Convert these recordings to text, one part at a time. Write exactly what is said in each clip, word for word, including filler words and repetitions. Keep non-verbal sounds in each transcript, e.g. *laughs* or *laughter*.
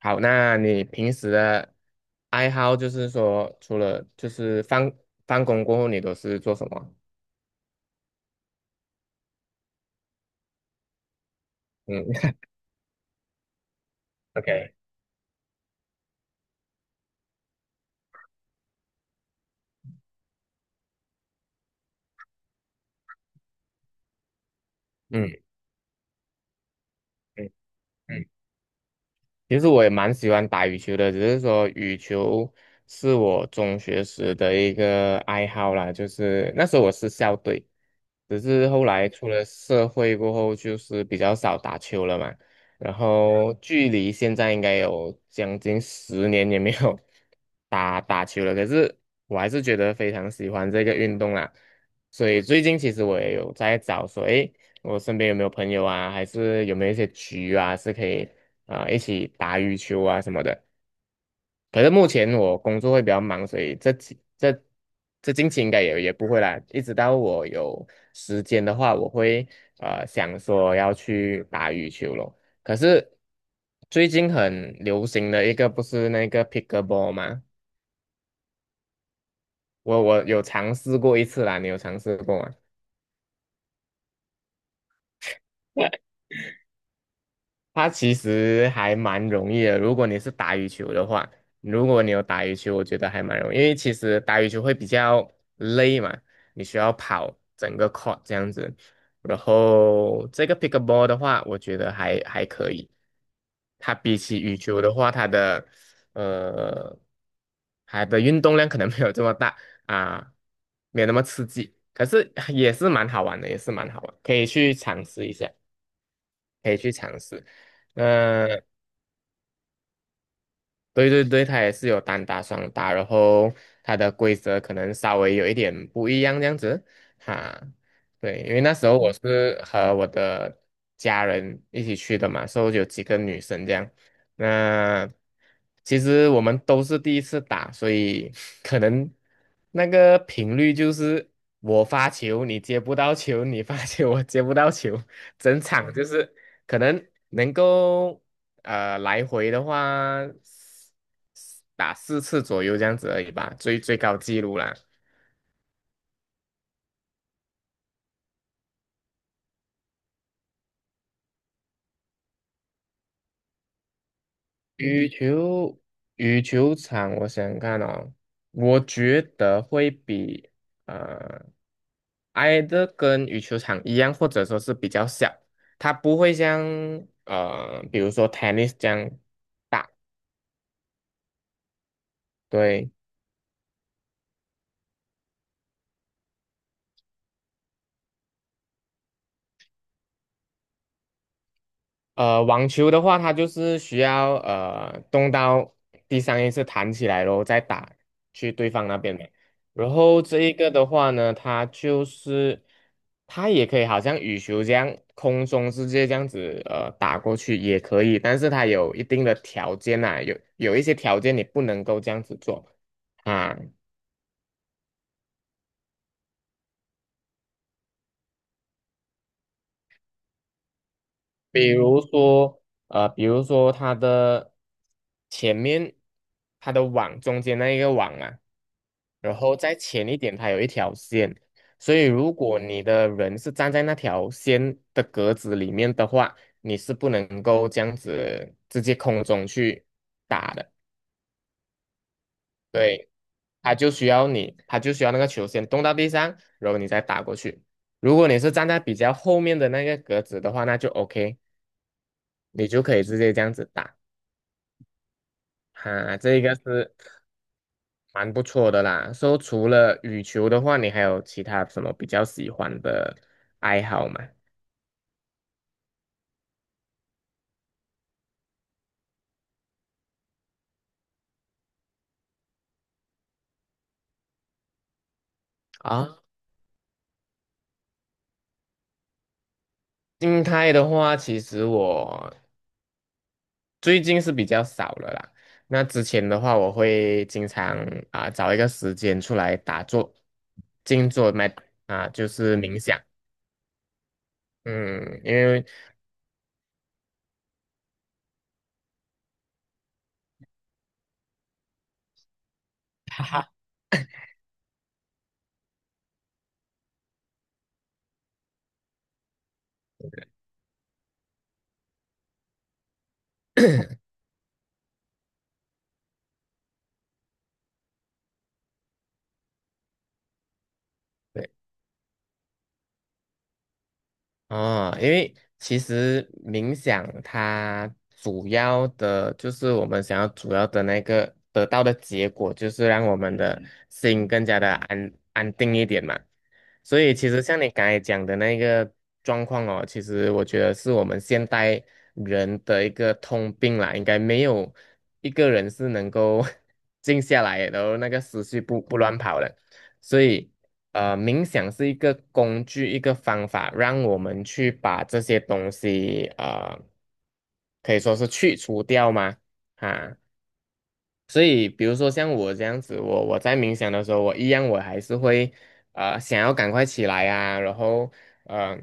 好，那你平时的爱好就是说，除了就是放放工过后，你都是做什么？嗯 *laughs* OK，嗯嗯嗯。其实我也蛮喜欢打羽球的，只是说羽球是我中学时的一个爱好啦，就是那时候我是校队，只是后来出了社会过后，就是比较少打球了嘛。然后距离现在应该有将近十年也没有 *laughs* 打打球了，可是我还是觉得非常喜欢这个运动啦。所以最近其实我也有在找说，诶。我身边有没有朋友啊，还是有没有一些局啊，是可以啊、一起打羽球啊什么的。可是目前我工作会比较忙，所以这几这这近期应该也也不会啦。一直到我有时间的话，我会呃想说要去打羽球咯。可是最近很流行的一个不是那个 pickleball 吗？我我有尝试过一次啦，你有尝试过吗？它其实还蛮容易的，如果你是打羽球的话，如果你有打羽球，我觉得还蛮容易，因为其实打羽球会比较累嘛，你需要跑整个 court 这样子。然后这个 pickleball 的话，我觉得还还可以。它比起羽球的话，它的呃，它的运动量可能没有这么大啊，没有那么刺激，可是也是蛮好玩的，也是蛮好玩，可以去尝试一下。可以去尝试。那对对对，它也是有单打、双打，然后它的规则可能稍微有一点不一样这样子哈。对，因为那时候我是和我的家人一起去的嘛，所以有几个女生这样。那其实我们都是第一次打，所以 *laughs* 可能那个频率就是我发球你接不到球，你发球我接不到球，整场就是可能能够。呃，来回的话打四次左右这样子而已吧，最最高纪录啦。羽球羽球场，我想想看哦，我觉得会比呃挨得跟羽球场一样，或者说是比较小，它不会像呃比如说 tennis 这样大，对。呃，网球的话，它就是需要呃动到第三一次弹起来咯，然再打去对方那边嘛。然后这一个的话呢，它就是它也可以好像羽球这样空中直接这样子呃打过去也可以，但是它有一定的条件呐、有有一些条件你不能够这样子做啊。比如说，呃，比如说它的前面，它的网中间那一个网啊，然后再前一点，它有一条线，所以如果你的人是站在那条线的格子里面的话，你是不能够这样子直接空中去打的，对，它就需要你，它就需要那个球先动到地上，然后你再打过去。如果你是站在比较后面的那个格子的话，那就 OK，你就可以直接这样子打。哈，这个是蛮不错的啦。说除了羽球的话，你还有其他什么比较喜欢的爱好吗？啊，静态的话，其实我最近是比较少了啦。那之前的话，我会经常啊、找一个时间出来打坐、静坐，麦啊、就是冥想。嗯，因为 *coughs* 哈哈，*clears throat* 对哦，因为其实冥想它主要的就是我们想要主要的那个得到的结果，就是让我们的嗯心更加的安安定一点嘛。所以其实像你刚才讲的那个状况哦，其实我觉得是我们现代人的一个通病啦，应该没有一个人是能够 *laughs* 静下来，然后那个思绪不不乱跑的。所以呃，冥想是一个工具，一个方法，让我们去把这些东西，呃，可以说是去除掉吗？啊，所以，比如说像我这样子，我我在冥想的时候，我一样我还是会呃想要赶快起来啊，然后呃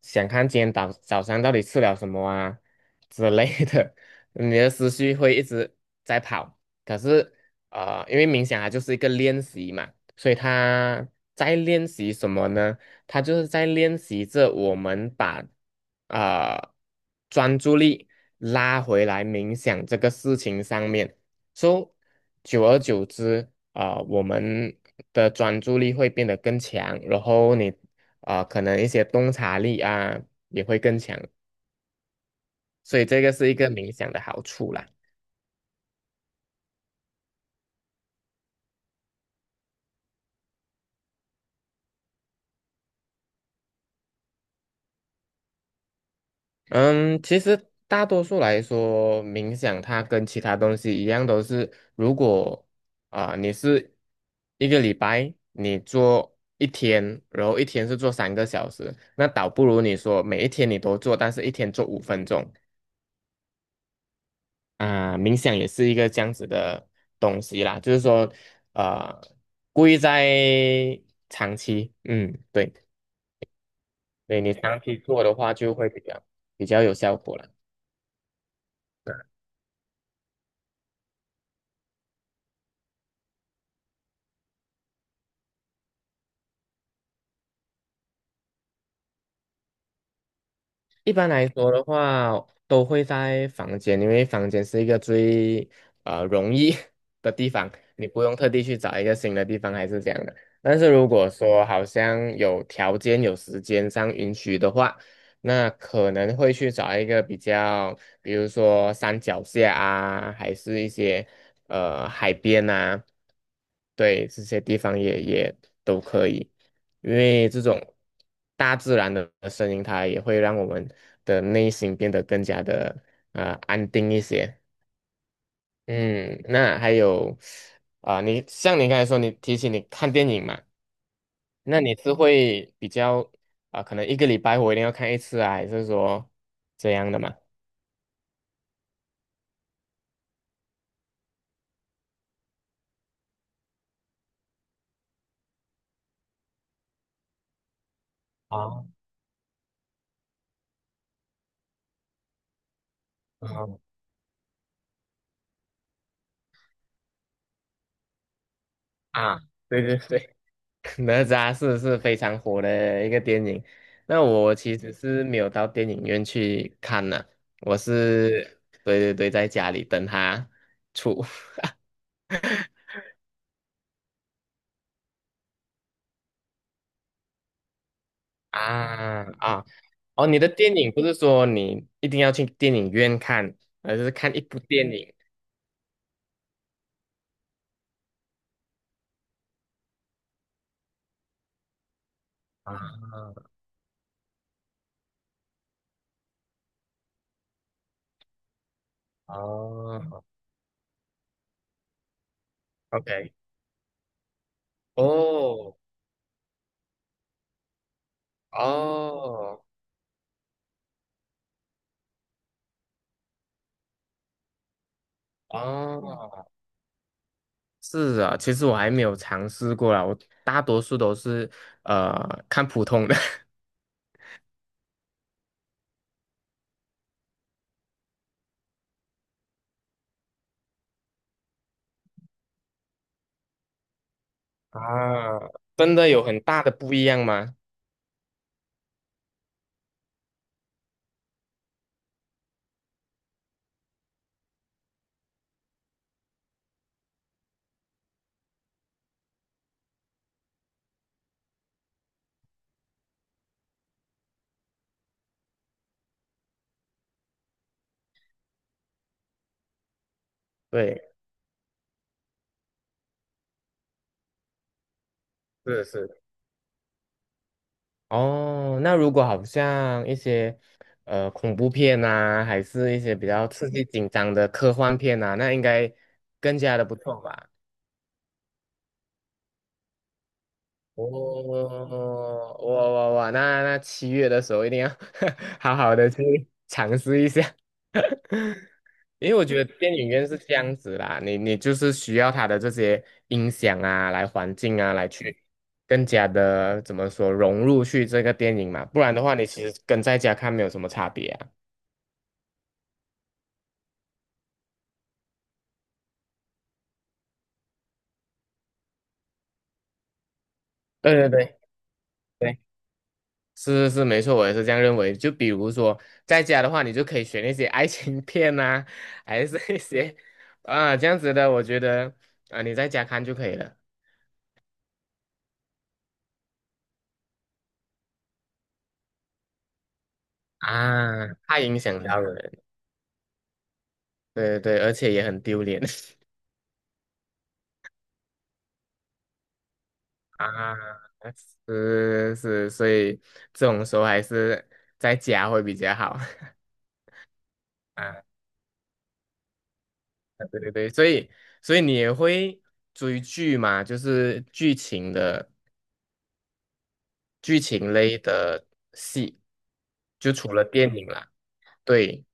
想看今天早早上到底吃了什么啊之类的，*laughs* 你的思绪会一直在跑。可是呃，因为冥想它就是一个练习嘛，所以它在练习什么呢？它就是在练习着我们把呃专注力拉回来冥想这个事情上面。So，久而久之啊、我们的专注力会变得更强，然后你啊、可能一些洞察力啊也会更强，所以这个是一个冥想的好处啦。嗯，其实大多数来说，冥想它跟其他东西一样，都是如果啊、你是一个礼拜你做一天，然后一天是做三个小时，那倒不如你说每一天你都做，但是一天做五分钟。啊、冥想也是一个这样子的东西啦，就是说，呃，故意在长期，嗯，对，对你长期做的话，就会比较比较有效果了。一般来说的话，都会在房间，因为房间是一个最呃容易 *laughs* 的地方，你不用特地去找一个新的地方，还是这样的。但是如果说好像有条件、有时间上允许的话，那可能会去找一个比较，比如说山脚下啊，还是一些呃海边啊，对，这些地方也也都可以。因为这种大自然的声音，它也会让我们的内心变得更加的呃安定一些。嗯，那还有啊、你像你刚才说，你提起你看电影嘛，那你是会比较啊、可能一个礼拜我一定要看一次啊，还是说这样的嘛？啊，啊啊，对对对，*laughs* 哪吒是是非常火的一个电影，那我其实是没有到电影院去看呢、我是对对对，在家里等他出 *laughs* 啊啊哦，你的电影不是说你一定要去电影院看，而是看一部电影啊哦，OK，哦哦哦，是啊，其实我还没有尝试过啦，我大多数都是呃看普通的。啊，真的有很大的不一样吗？对，是是。哦，那如果好像一些呃恐怖片呐，还是一些比较刺激紧张的科幻片呐，那应该更加的不错吧？哦，哇哇哇！那那七月的时候一定要 *laughs* 好好的去尝试一下。*laughs* 因为我觉得电影院是这样子啦，你你就是需要它的这些音响啊，来环境啊，来去更加的怎么说融入去这个电影嘛，不然的话，你其实跟在家看没有什么差别啊。对对对对，是是是，没错，我也是这样认为。就比如说在家的话，你就可以选那些爱情片呐，还是那些啊这样子的，我觉得啊你在家看就可以了啊，太影响到人，对对对，而且也很丢脸。啊，是是，所以这种时候还是在家会比较好 *laughs* 啊。对对对，所以所以你也会追剧嘛？就是剧情的剧情类的戏，就除了电影啦。对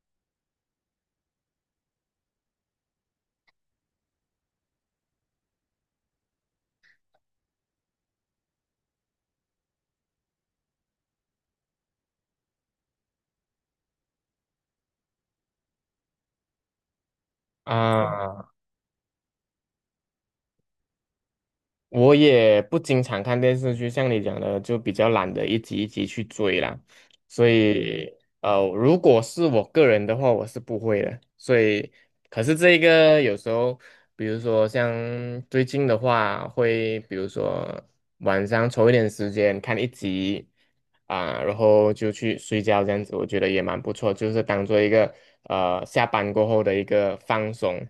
啊，我也不经常看电视剧，像你讲的，就比较懒得一集一集去追啦。所嗯以，呃，如果是我个人的话，我是不会的。所以，可是这一个有时候，比如说像最近的话，会比如说晚上抽一点时间看一集啊，然后就去睡觉这样子，我觉得也蛮不错，就是当做一个呃下班过后的一个放松。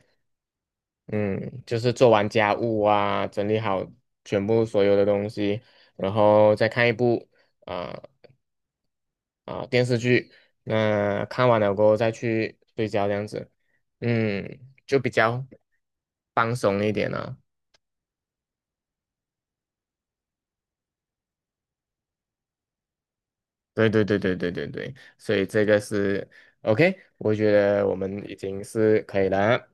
嗯，就是做完家务啊，整理好全部所有的东西，然后再看一部啊啊、电视剧。那看完了过后再去睡觉，这样子，嗯，就比较放松一点了。对对对对对对对，所以这个是 OK，我觉得我们已经是可以了。